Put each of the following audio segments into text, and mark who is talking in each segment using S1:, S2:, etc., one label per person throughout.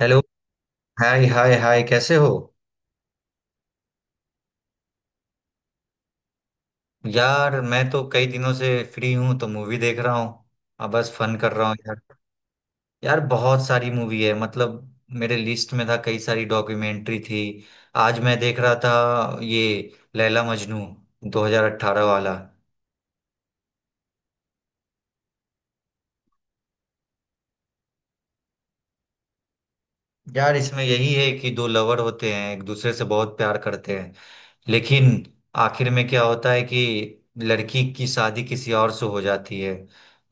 S1: Hello. Hi hi hi, कैसे हो? यार मैं तो कई दिनों से फ्री हूँ तो मूवी देख रहा हूँ। अब बस फन कर रहा हूँ यार। यार बहुत सारी मूवी है, मतलब मेरे लिस्ट में था कई सारी डॉक्यूमेंट्री थी। आज मैं देख रहा था ये लैला मजनू 2018 वाला। यार इसमें यही है कि दो लवर होते हैं, एक दूसरे से बहुत प्यार करते हैं। लेकिन आखिर में क्या होता है कि लड़की की शादी किसी और से हो जाती है।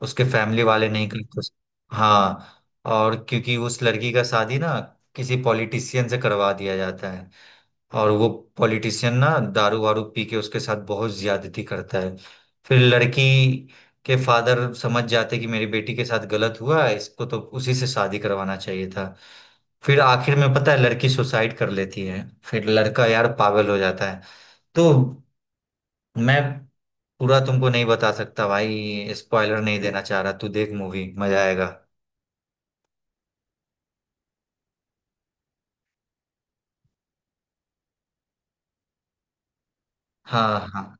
S1: उसके फैमिली वाले नहीं करते हाँ। और क्योंकि उस लड़की का शादी ना किसी पॉलिटिशियन से करवा दिया जाता है। और वो पॉलिटिशियन ना दारू वारू पी के उसके साथ बहुत ज्यादती करता है। फिर लड़की के फादर समझ जाते कि मेरी बेटी के साथ गलत हुआ है, इसको तो उसी से शादी करवाना चाहिए था। फिर आखिर में पता है, लड़की सुसाइड कर लेती है, फिर लड़का यार पागल हो जाता है। तो मैं पूरा तुमको नहीं बता सकता भाई, स्पॉइलर नहीं देना चाह रहा। तू देख मूवी, मजा आएगा। हाँ हाँ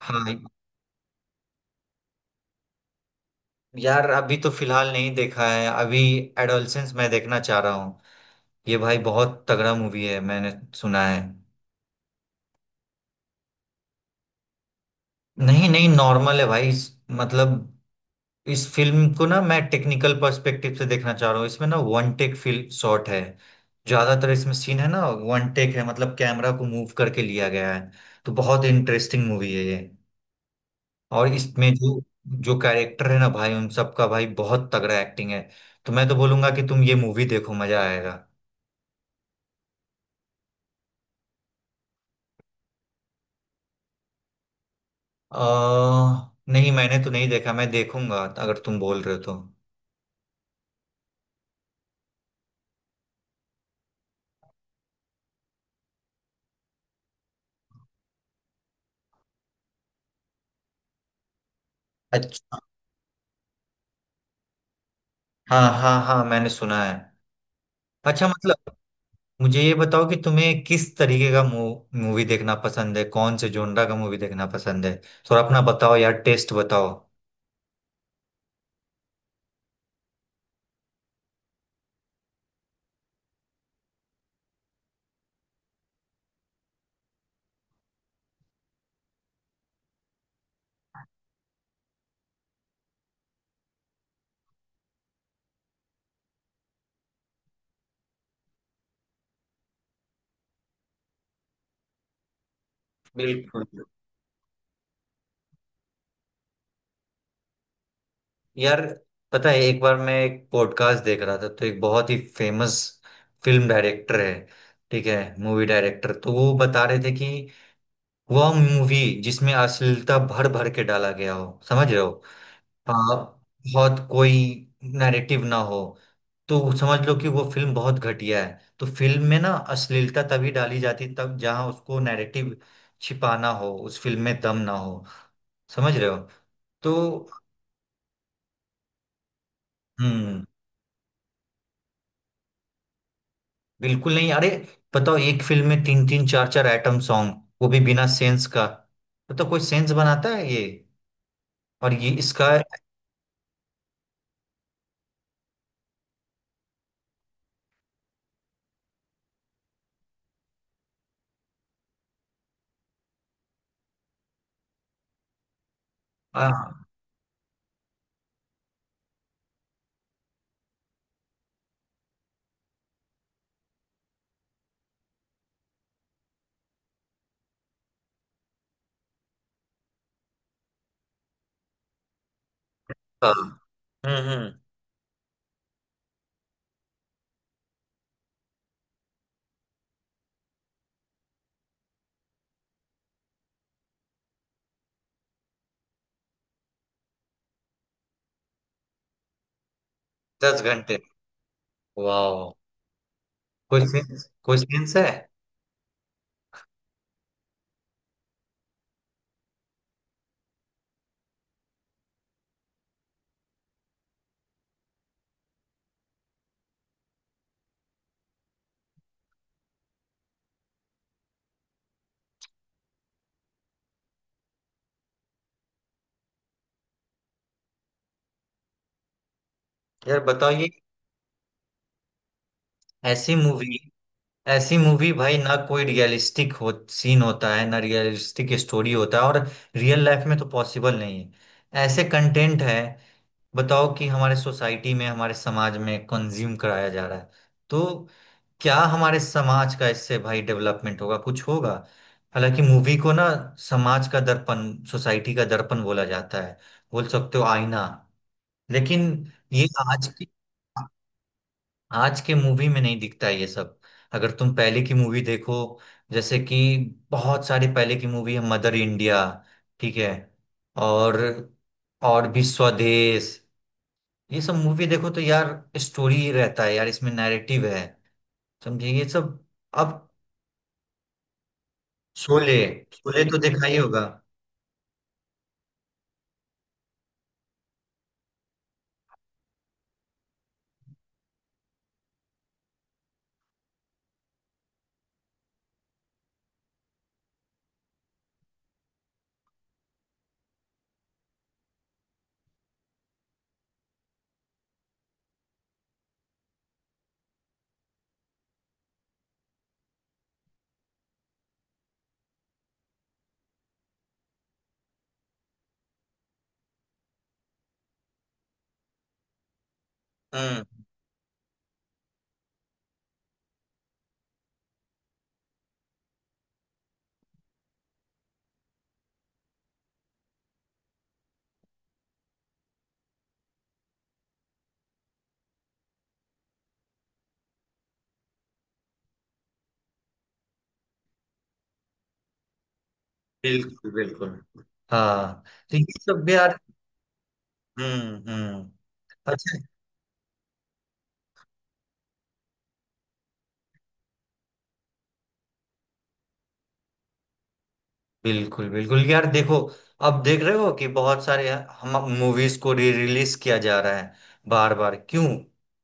S1: हाँ। यार अभी तो फिलहाल नहीं देखा है। अभी एडोलसेंस मैं देखना चाह रहा हूँ। ये भाई बहुत तगड़ा मूवी है, मैंने सुना है। नहीं नहीं, नॉर्मल है भाई। मतलब इस फिल्म को ना मैं टेक्निकल पर्सपेक्टिव से देखना चाह रहा हूँ। इसमें ना वन टेक फिल्म शॉट है, ज्यादातर इसमें सीन है ना वन टेक है, मतलब कैमरा को मूव करके लिया गया है। तो बहुत इंटरेस्टिंग मूवी है ये। और इसमें जो जो कैरेक्टर है ना भाई, उन सबका भाई बहुत तगड़ा एक्टिंग है। तो मैं तो बोलूंगा कि तुम ये मूवी देखो, मजा आएगा। अ नहीं, मैंने तो नहीं देखा, मैं देखूंगा अगर तुम बोल रहे हो तो। अच्छा। हाँ हाँ हाँ, मैंने सुना है। अच्छा, मतलब मुझे ये बताओ कि तुम्हें किस तरीके का मूवी देखना पसंद है, कौन से जोनरा का मूवी देखना पसंद है? थोड़ा अपना बताओ यार, टेस्ट बताओ। बिल्कुल। यार पता है, एक बार मैं एक पॉडकास्ट देख रहा था तो एक बहुत ही फेमस फिल्म डायरेक्टर है, ठीक है मूवी डायरेक्टर, तो वो बता रहे थे कि वह मूवी जिसमें अश्लीलता भर भर के डाला गया हो, समझ रहे हो? हाँ। बहुत कोई नैरेटिव ना हो तो समझ लो कि वो फिल्म बहुत घटिया है। तो फिल्म में ना अश्लीलता तभी डाली जाती तब जहां उसको नैरेटिव छिपाना हो, उस फिल्म में दम ना हो। समझ रहे हो? तो हम्म। बिल्कुल नहीं, अरे बताओ, एक फिल्म में तीन तीन चार चार आइटम सॉन्ग, वो भी बिना सेंस का। बताओ कोई सेंस बनाता है ये? और ये इसका आ, आ, हम्म। 10 घंटे। वाह। कोई सेंस, कोई सेंस है? यार बताओ ये ऐसी मूवी, ऐसी मूवी भाई ना कोई रियलिस्टिक हो सीन होता है ना रियलिस्टिक स्टोरी होता है। और रियल लाइफ में तो पॉसिबल नहीं है ऐसे कंटेंट है। बताओ कि हमारे सोसाइटी में हमारे समाज में कंज्यूम कराया जा रहा है। तो क्या हमारे समाज का इससे भाई डेवलपमेंट होगा, कुछ होगा? हालांकि मूवी को ना समाज का दर्पण, सोसाइटी का दर्पण बोला जाता है, बोल सकते हो आईना। लेकिन ये आज की, आज के मूवी में नहीं दिखता ये सब। अगर तुम पहले की मूवी देखो, जैसे कि बहुत सारी पहले की मूवी है, मदर इंडिया, ठीक है, और और भी स्वदेश, ये सब मूवी देखो तो यार स्टोरी रहता है, यार इसमें नैरेटिव है। समझे ये सब? अब शोले, शोले तो देखा ही होगा। हम्म। बिल्कुल बिल्कुल। हाँ, तो ये सब भी यार। हम्म। अच्छा। बिल्कुल बिल्कुल यार देखो, अब देख रहे हो कि बहुत सारे हम मूवीज को री रिलीज किया जा रहा है, बार बार क्यों?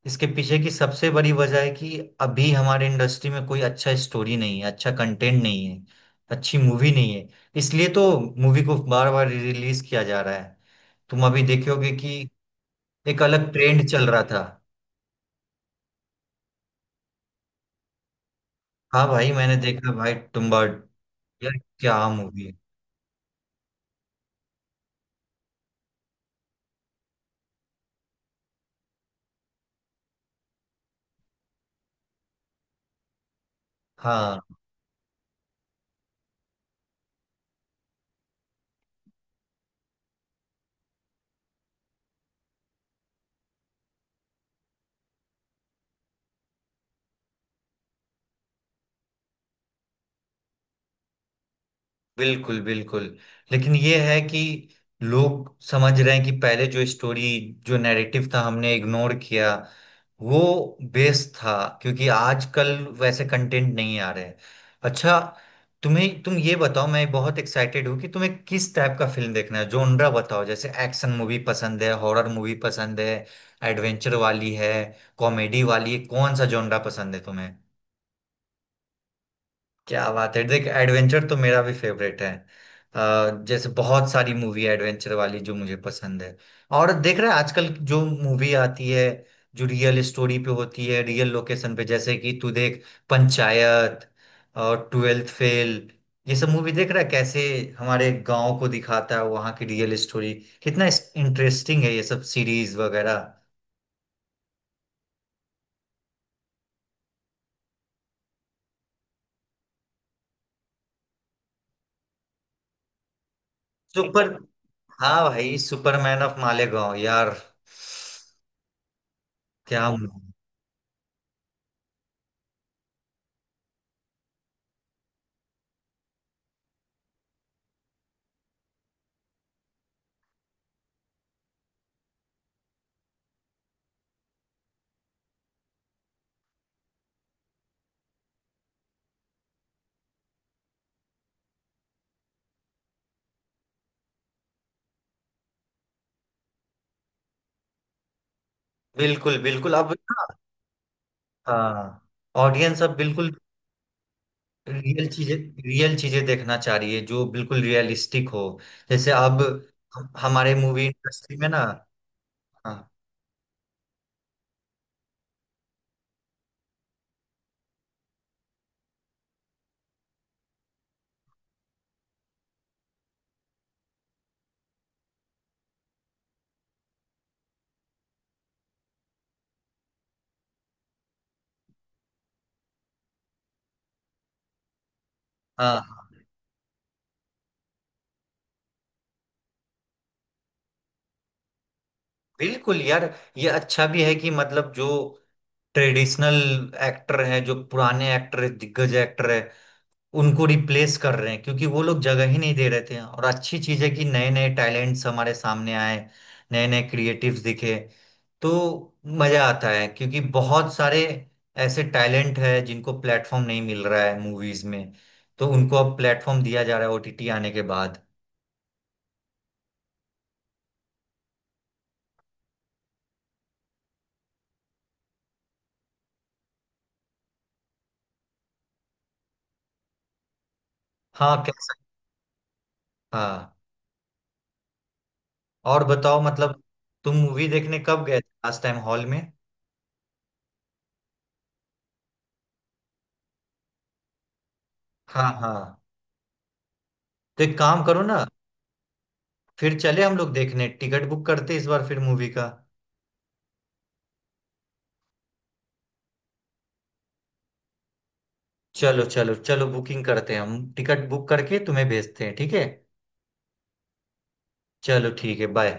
S1: इसके पीछे की सबसे बड़ी वजह है कि अभी हमारे इंडस्ट्री में कोई अच्छा स्टोरी नहीं है, अच्छा कंटेंट नहीं है, अच्छी मूवी नहीं है। इसलिए तो मूवी को बार बार री रिलीज किया जा रहा है। तुम अभी देखोगे कि एक अलग ट्रेंड चल रहा था। हाँ भाई मैंने देखा, भाई तुम्बाड़। यार क्या मूवी है। हाँ, बिल्कुल बिल्कुल। लेकिन ये है कि लोग समझ रहे हैं कि पहले जो स्टोरी, जो नैरेटिव था हमने इग्नोर किया, वो बेस था, क्योंकि आजकल वैसे कंटेंट नहीं आ रहे हैं। अच्छा, तुम्हें, तुम ये बताओ, मैं बहुत एक्साइटेड हूँ कि तुम्हें किस टाइप का फिल्म देखना है, जोनरा बताओ। जैसे एक्शन मूवी पसंद है, हॉरर मूवी पसंद है, एडवेंचर वाली है, कॉमेडी वाली है, कौन सा जोनरा पसंद है तुम्हें? क्या बात है, देख एडवेंचर तो मेरा भी फेवरेट है। अ, जैसे बहुत सारी मूवी एडवेंचर वाली जो मुझे पसंद है। और देख रहे हैं आजकल जो मूवी आती है, जो रियल स्टोरी पे होती है, रियल लोकेशन पे, जैसे कि तू देख पंचायत और ट्वेल्थ फेल। ये सब मूवी देख रहा है, कैसे हमारे गांव को दिखाता है, वहाँ की रियल स्टोरी। कितना इंटरेस्टिंग है ये सब सीरीज वगैरह। सुपर। हाँ भाई, सुपरमैन ऑफ मालेगांव यार। क्या। बिल्कुल बिल्कुल अब ना। हाँ। ऑडियंस अब बिल्कुल रियल चीजें, रियल चीजें देखना चाहिए, जो बिल्कुल रियलिस्टिक हो। जैसे अब हमारे मूवी इंडस्ट्री में ना। हाँ हाँ हाँ। बिल्कुल यार, ये अच्छा भी है कि मतलब जो ट्रेडिशनल एक्टर हैं, जो पुराने एक्टर है, दिग्गज एक्टर है, उनको रिप्लेस कर रहे हैं क्योंकि वो लोग जगह ही नहीं दे रहे थे। और अच्छी चीज है कि नए नए टैलेंट्स हमारे सामने आए, नए नए क्रिएटिव्स दिखे। तो मजा आता है क्योंकि बहुत सारे ऐसे टैलेंट है जिनको प्लेटफॉर्म नहीं मिल रहा है मूवीज में। तो उनको अब प्लेटफॉर्म दिया जा रहा है ओटीटी आने के बाद। हाँ कैसा। हाँ, और बताओ मतलब, तुम मूवी देखने कब गए थे लास्ट टाइम हॉल में? हाँ हाँ, तो एक काम करो ना, फिर चले हम लोग देखने, टिकट बुक करते इस बार फिर मूवी का। चलो चलो चलो, बुकिंग करते हैं, हम टिकट बुक करके तुम्हें भेजते हैं, ठीक है। चलो, ठीक है, बाय।